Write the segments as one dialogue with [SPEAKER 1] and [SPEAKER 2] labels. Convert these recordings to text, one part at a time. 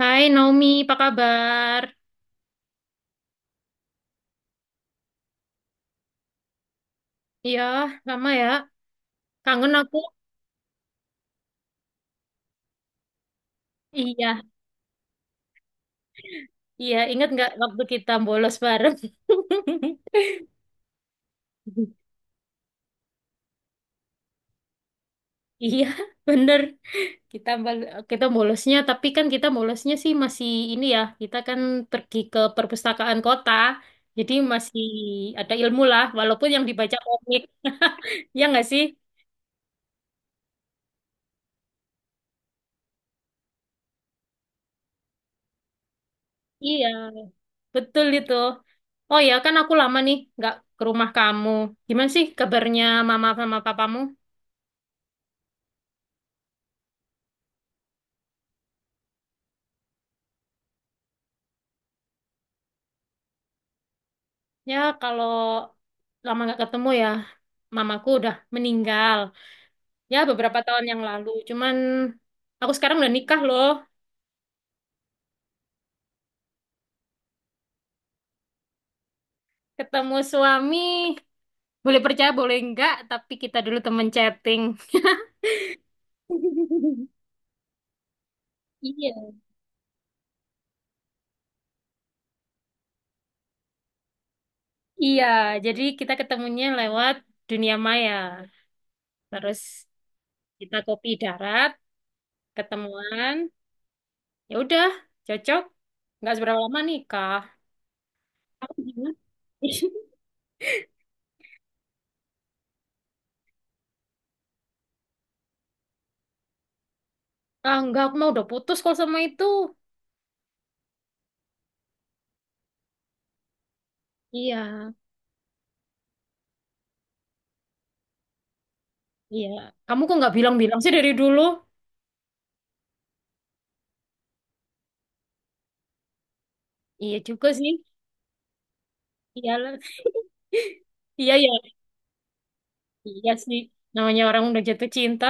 [SPEAKER 1] Hai Naomi, apa kabar? Iya, lama ya. Kangen aku. Iya, iya. Ingat nggak waktu kita bolos bareng? Iya, bener. Kita bolosnya, tapi kan kita bolosnya sih masih ini ya. Kita kan pergi ke perpustakaan kota, jadi masih ada ilmu lah, walaupun yang dibaca komik. Ya nggak sih? Iya, betul itu. Oh ya, kan aku lama nih nggak ke rumah kamu. Gimana sih kabarnya mama sama papamu? Ya kalau lama nggak ketemu ya, mamaku udah meninggal. Ya beberapa tahun yang lalu. Cuman aku sekarang udah nikah loh. Ketemu suami. Boleh percaya, boleh enggak, tapi kita dulu temen chatting. Iya. Iya, jadi kita ketemunya lewat dunia maya. Terus kita kopi darat, ketemuan. Ya udah, cocok. Nggak seberapa lama nikah. Aku gimana? Ah, enggak, aku mau udah putus kalau sama itu. Iya. Iya. Kamu kok nggak bilang-bilang sih dari dulu? Iya juga sih. Iyalah, Iya ya. Iya sih. Namanya orang udah jatuh cinta.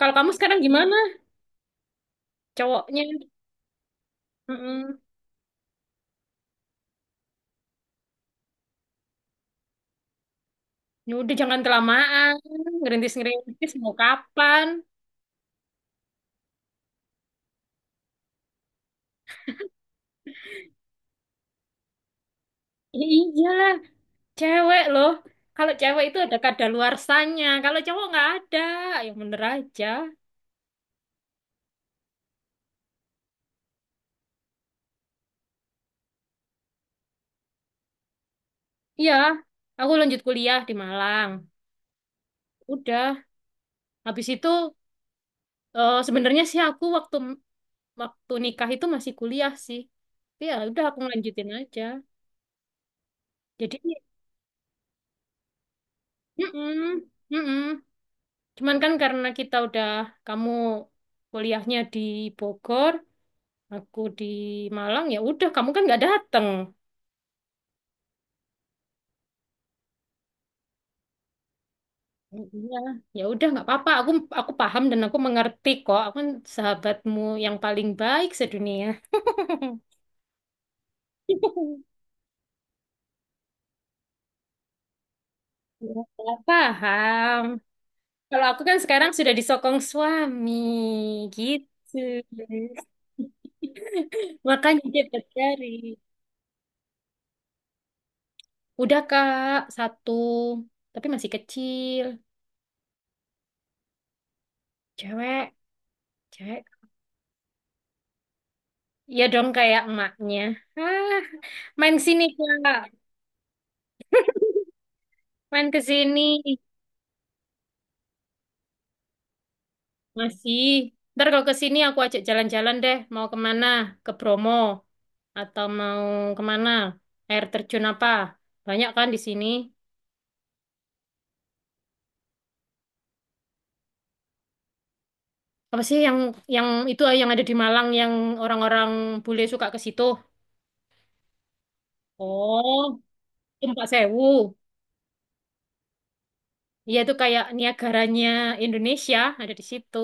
[SPEAKER 1] Kalau kamu sekarang gimana? Cowoknya. Mm-mm. Ya udah jangan kelamaan. Ngerintis-ngerintis mau kapan? Ya iyalah. Cewek loh. Kalau cewek itu ada kadaluarsanya. Kalau cowok nggak ada. Ya bener aja. Iya. Aku lanjut kuliah di Malang. Udah. Habis itu eh, sebenarnya sih aku waktu waktu nikah itu masih kuliah sih. Tapi ya udah aku lanjutin aja. Jadi, mm-mm, mm-mm. Cuman kan karena kita udah kamu kuliahnya di Bogor, aku di Malang, ya udah kamu kan nggak dateng. Iya, ya udah nggak apa-apa. Aku paham dan aku mengerti kok. Aku kan sahabatmu yang paling baik sedunia. Ya, paham. Kalau aku kan sekarang sudah disokong suami gitu. Makanya dia cari. Udah Kak, satu. Tapi masih kecil. Cewek, cewek. Ya dong kayak emaknya. Ah, main sini Kak. Main ke sini. Masih. Ntar kalau ke sini aku ajak jalan-jalan deh. Mau kemana? Ke Bromo. Atau mau kemana? Air terjun apa? Banyak kan di sini. Apa sih yang itu ah, yang ada di Malang yang orang-orang bule suka ke situ? Oh, Tumpak Sewu. Iya itu kayak Niagaranya Indonesia ada di situ.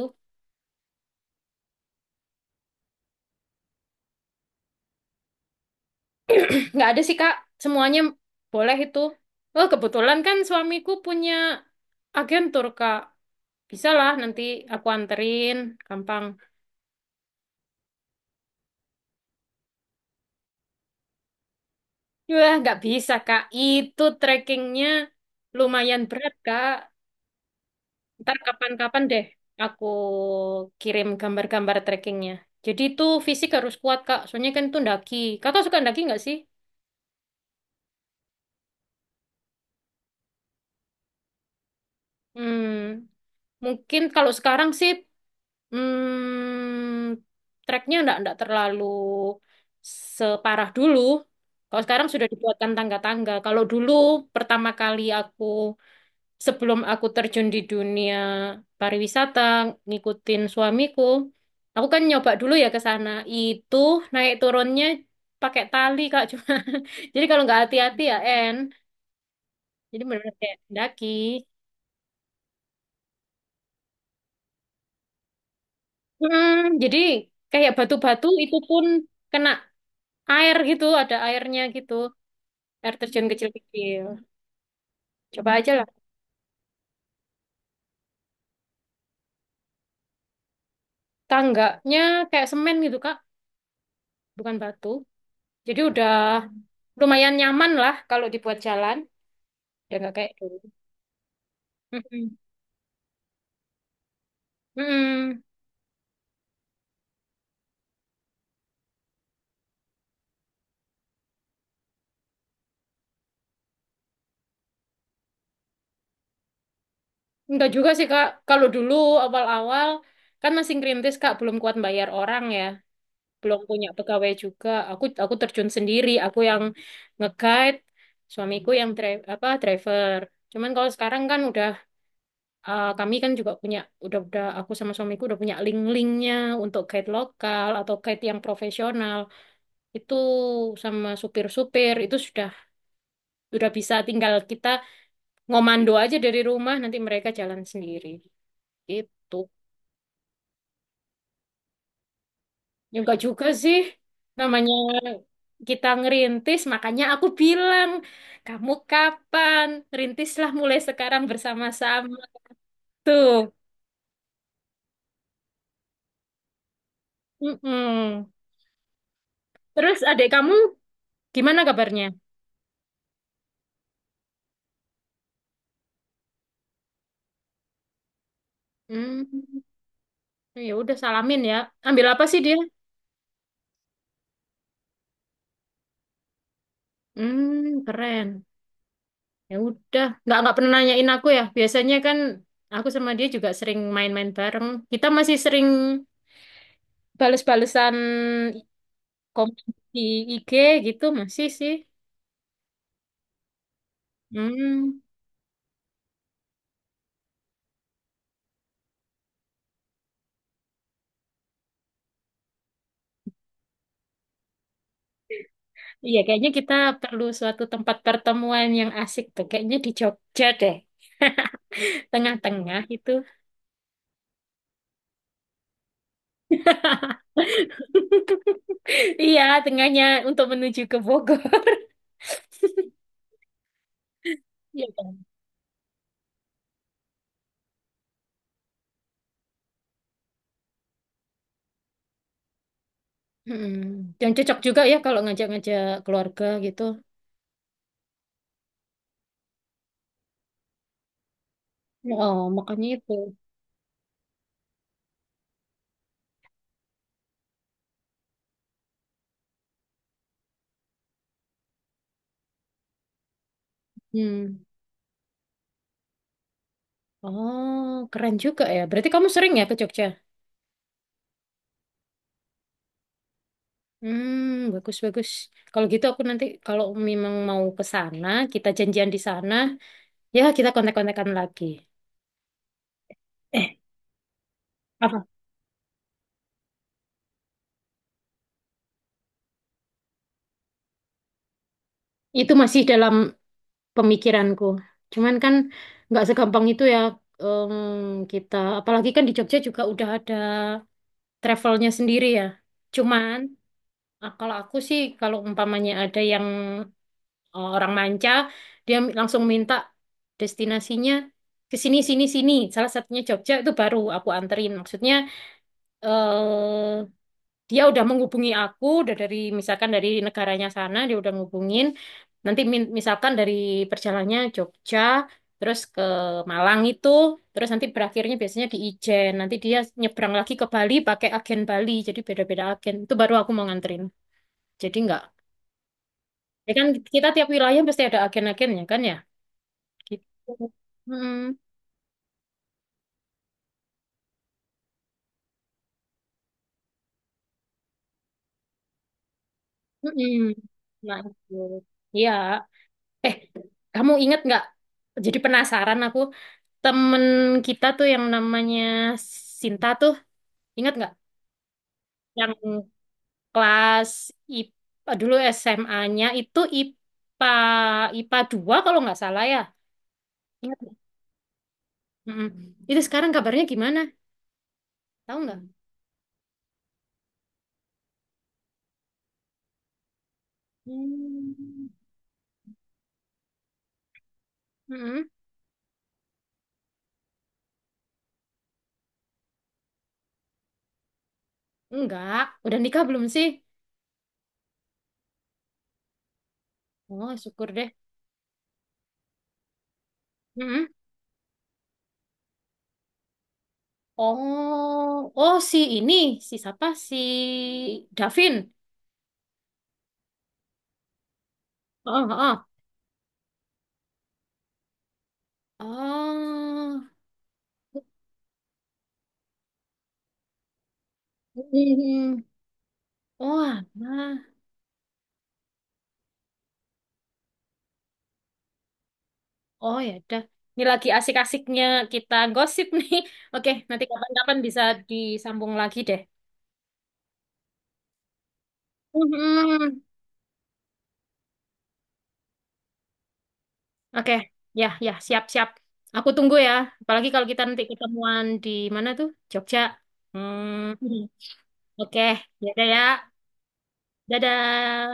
[SPEAKER 1] Nggak ada sih Kak, semuanya boleh itu. Oh kebetulan kan suamiku punya agen tur Kak. Bisa lah nanti aku anterin, gampang. Wah nggak bisa Kak, itu trekkingnya lumayan berat Kak. Ntar kapan-kapan deh aku kirim gambar-gambar trekkingnya. Jadi itu fisik harus kuat, Kak. Soalnya kan itu ndaki. Kakak suka ndaki nggak sih? Hmm, mungkin kalau sekarang sih hmm, treknya nggak terlalu separah dulu. Kalau sekarang sudah dibuatkan tangga-tangga. Kalau dulu pertama kali aku sebelum aku terjun di dunia pariwisata, ngikutin suamiku, aku kan nyoba dulu ya ke sana. Itu naik turunnya pakai tali, Kak, cuma. Jadi kalau nggak hati-hati ya, En. Jadi benar kayak daki. Hmm, jadi kayak batu-batu itu pun kena air gitu, ada airnya gitu. Air terjun kecil-kecil. Coba aja lah. Tangganya kayak semen gitu, Kak, bukan batu. Jadi udah lumayan nyaman lah kalau dibuat jalan. Udah nggak kayak dulu. Mm-mm. Mm-mm. Enggak juga sih Kak. Kalau dulu awal-awal kan masih ngerintis Kak, belum kuat bayar orang ya, belum punya pegawai juga. Aku terjun sendiri, aku yang nge-guide, suamiku yang apa driver. Cuman kalau sekarang kan udah kami kan juga punya udah aku sama suamiku udah punya link-linknya untuk guide lokal atau guide yang profesional. Itu sama supir-supir itu sudah bisa tinggal kita ngomando aja dari rumah nanti mereka jalan sendiri. Gitu. Ya enggak juga sih. Namanya kita ngerintis, makanya aku bilang, kamu kapan? Rintislah mulai sekarang bersama-sama. Tuh. Mm-mm. Terus adik kamu gimana kabarnya? Hmm, ya udah salamin ya. Ambil apa sih dia? Keren. Ya udah, nggak pernah nanyain aku ya. Biasanya kan aku sama dia juga sering main-main bareng. Kita masih sering bales-balesan komen di IG gitu masih sih. Hmm, iya kayaknya kita perlu suatu tempat pertemuan yang asik tuh. Kayaknya di Jogja deh. Tengah-tengah itu. Iya, tengahnya untuk menuju ke Bogor. Iya kan? Mm-mm. Dan cocok juga ya kalau ngajak-ngajak keluarga gitu. Oh, makanya itu. Hmm. Oh, keren juga ya. Berarti kamu sering ya ke Jogja? Bagus bagus. Kalau gitu aku nanti kalau memang mau ke sana, kita janjian di sana, ya kita kontak-kontakan lagi. Eh, apa? Itu masih dalam pemikiranku. Cuman kan nggak segampang itu ya em, kita. Apalagi kan di Jogja juga udah ada travelnya sendiri ya. Cuman ah, kalau aku sih kalau umpamanya ada yang Eh, orang manca, dia langsung minta destinasinya ke sini, sini, sini. Salah satunya Jogja itu baru aku anterin. Maksudnya eh, dia udah menghubungi aku, udah dari misalkan dari negaranya sana dia udah ngubungin. Nanti misalkan dari perjalannya Jogja, terus ke Malang itu, terus nanti berakhirnya biasanya di Ijen. Nanti dia nyebrang lagi ke Bali pakai agen Bali. Jadi beda-beda agen. Itu baru aku mau nganterin. Jadi nggak. Ya kan kita tiap wilayah pasti ada agen-agennya kan ya. Gitu. Mm-mm. Mm-mm. Nah, itu. Iya. Eh, kamu inget nggak? Jadi penasaran aku. Temen kita tuh yang namanya Sinta tuh, inget nggak? Yang kelas IPA, dulu SMA-nya itu IPA, IPA 2 kalau nggak salah ya. Ingat nggak? Mm-mm. Itu sekarang kabarnya gimana? Tahu nggak? Hmm. Mm-mm. Enggak. Udah nikah belum sih? Oh, syukur deh. Mm-mm. Oh, oh si ini, si siapa? Si Davin. Oh, oh, oh. Oh, Mm. Oh, alah. Oh ya udah. Ini lagi asik-asiknya kita gosip nih. Oke, nanti kapan-kapan bisa disambung lagi deh. Mhm. Oke, ya, ya, siap-siap. Aku tunggu ya. Apalagi kalau kita nanti ketemuan di mana tuh? Jogja. Hmm. Oke, ya udah ya. Dadah.